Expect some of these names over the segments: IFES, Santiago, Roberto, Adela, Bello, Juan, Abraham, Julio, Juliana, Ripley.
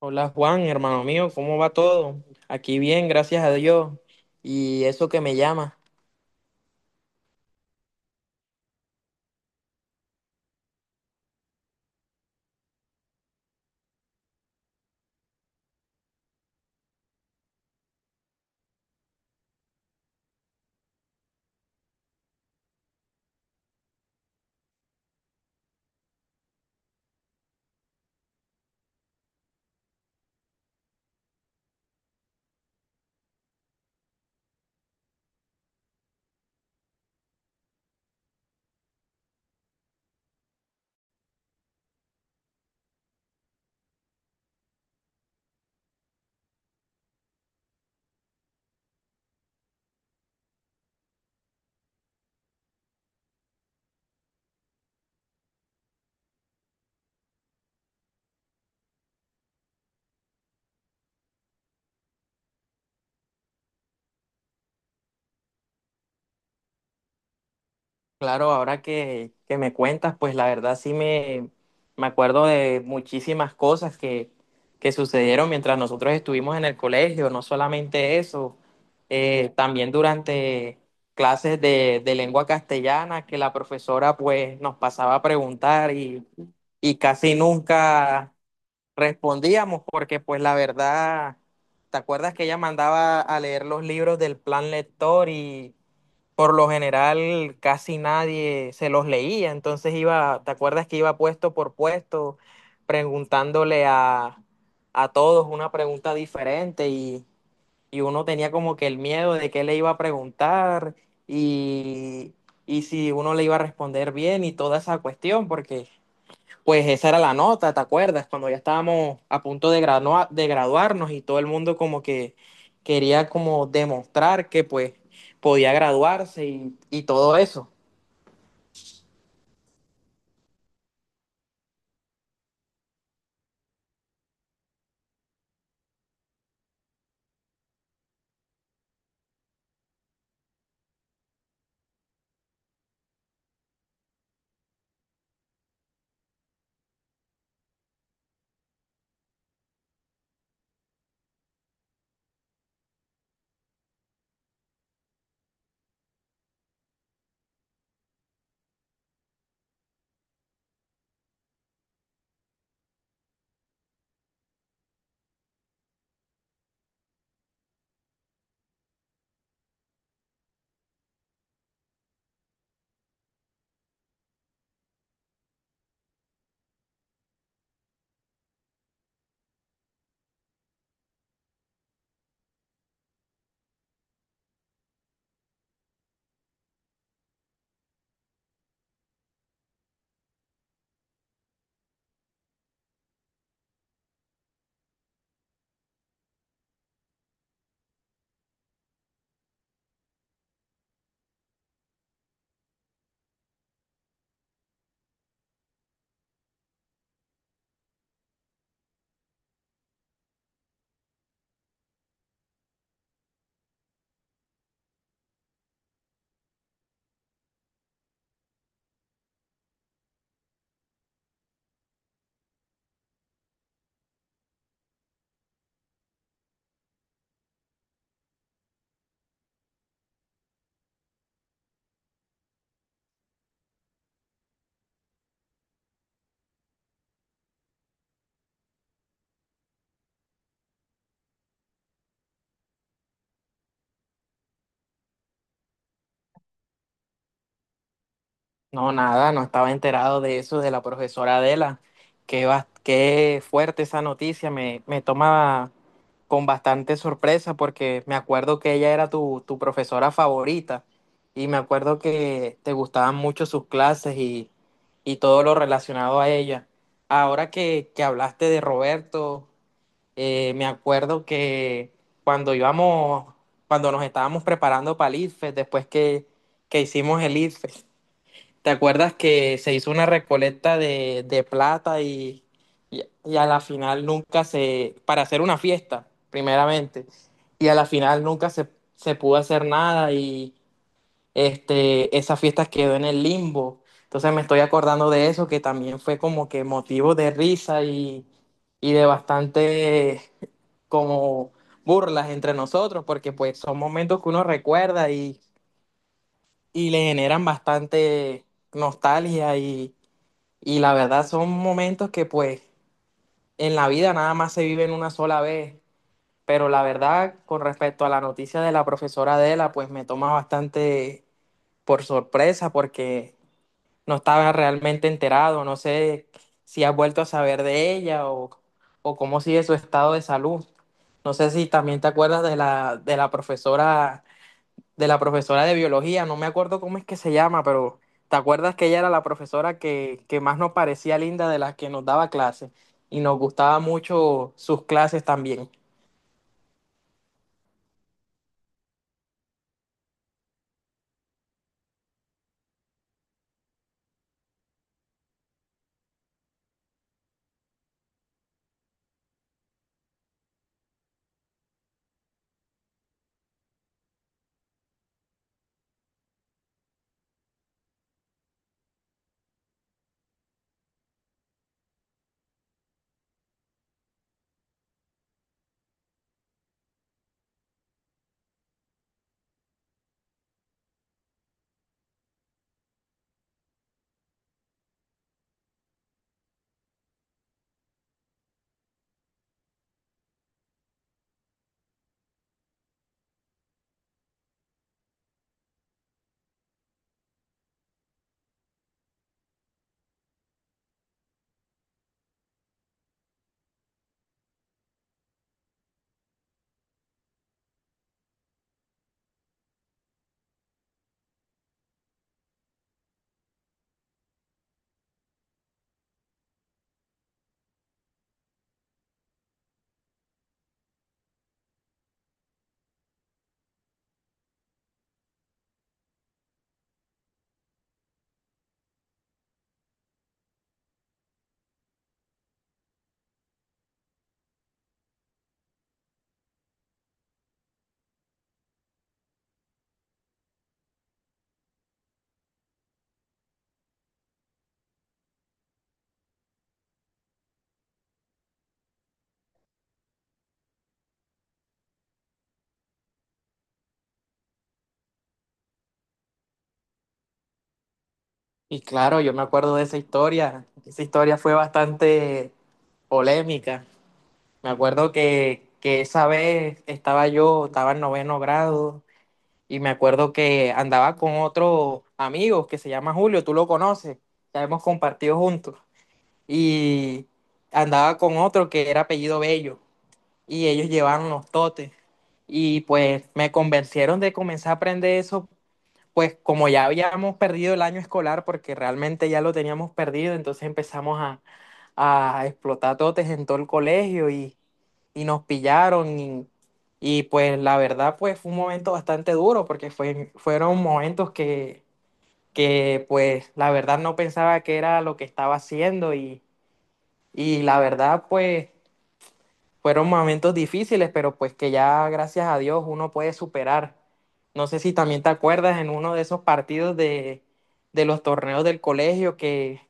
Hola Juan, hermano mío, ¿cómo va todo? Aquí bien, gracias a Dios. Y eso que me llama. Claro, ahora que me cuentas, pues la verdad me acuerdo de muchísimas cosas que sucedieron mientras nosotros estuvimos en el colegio, no solamente eso, también durante clases de lengua castellana que la profesora pues nos pasaba a preguntar y casi nunca respondíamos porque pues la verdad, ¿te acuerdas que ella mandaba a leer los libros del plan lector y por lo general casi nadie se los leía? Entonces iba, ¿te acuerdas que iba puesto por puesto preguntándole a todos una pregunta diferente y uno tenía como que el miedo de qué le iba a preguntar y, y si uno le iba a responder bien y toda esa cuestión porque pues esa era la nota, ¿te acuerdas? Cuando ya estábamos a punto de graduarnos y todo el mundo como que quería como demostrar que pues podía graduarse y todo eso. No, nada, no estaba enterado de eso, de la profesora Adela. Qué fuerte esa noticia, me toma con bastante sorpresa porque me acuerdo que ella era tu profesora favorita y me acuerdo que te gustaban mucho sus clases y todo lo relacionado a ella. Ahora que hablaste de Roberto, me acuerdo que cuando íbamos, cuando nos estábamos preparando para el IFES, después que hicimos el IFES. ¿Te acuerdas que se hizo una recolecta de plata y a la final nunca se, para hacer una fiesta, primeramente, y a la final nunca se, se pudo hacer nada y este, esa fiesta quedó en el limbo? Entonces me estoy acordando de eso, que también fue como que motivo de risa y de bastante como burlas entre nosotros, porque pues son momentos que uno recuerda y le generan bastante nostalgia y la verdad son momentos que pues en la vida nada más se viven una sola vez. Pero la verdad, con respecto a la noticia de la profesora Adela, pues me toma bastante por sorpresa porque no estaba realmente enterado. No sé si has vuelto a saber de ella o cómo sigue su estado de salud. No sé si también te acuerdas de la profesora de la profesora de biología, no me acuerdo cómo es que se llama, pero ¿te acuerdas que ella era la profesora que más nos parecía linda de las que nos daba clases? Y nos gustaba mucho sus clases también. Y claro, yo me acuerdo de esa historia. Esa historia fue bastante polémica. Me acuerdo que esa vez estaba en noveno grado, y me acuerdo que andaba con otro amigo que se llama Julio, tú lo conoces, ya hemos compartido juntos. Y andaba con otro que era apellido Bello y ellos llevaban los totes y pues me convencieron de comenzar a aprender eso, pues como ya habíamos perdido el año escolar porque realmente ya lo teníamos perdido, entonces empezamos a explotar totes en todo el colegio y nos pillaron y, pues la verdad pues fue un momento bastante duro porque fueron momentos que pues la verdad no pensaba que era lo que estaba haciendo y la verdad, pues fueron momentos difíciles, pero pues que ya gracias a Dios uno puede superar. No sé si también te acuerdas en uno de esos partidos de los torneos del colegio que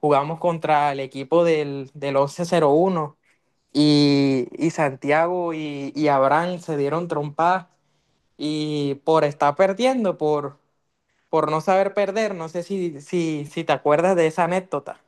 jugamos contra el equipo del once cero uno y Santiago y Abraham se dieron trompadas y por estar perdiendo, por no saber perder, no sé si te acuerdas de esa anécdota.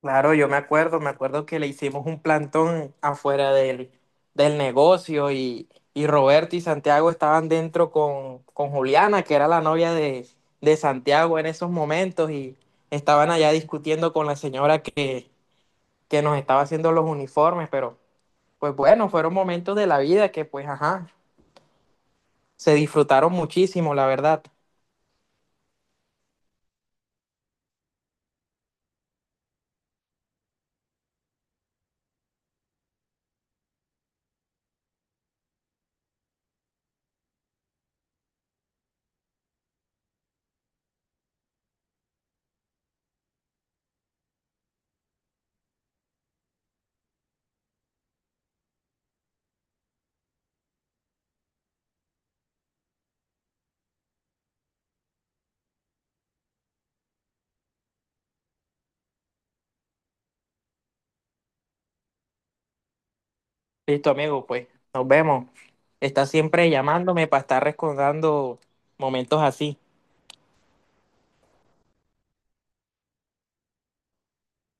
Claro, yo me acuerdo que le hicimos un plantón afuera del negocio y Roberto y Santiago estaban dentro con Juliana, que era la novia de Santiago en esos momentos, y estaban allá discutiendo con la señora que nos estaba haciendo los uniformes, pero pues bueno, fueron momentos de la vida que pues ajá, se disfrutaron muchísimo, la verdad. Listo, amigo, pues nos vemos. Está siempre llamándome para estar recordando momentos así.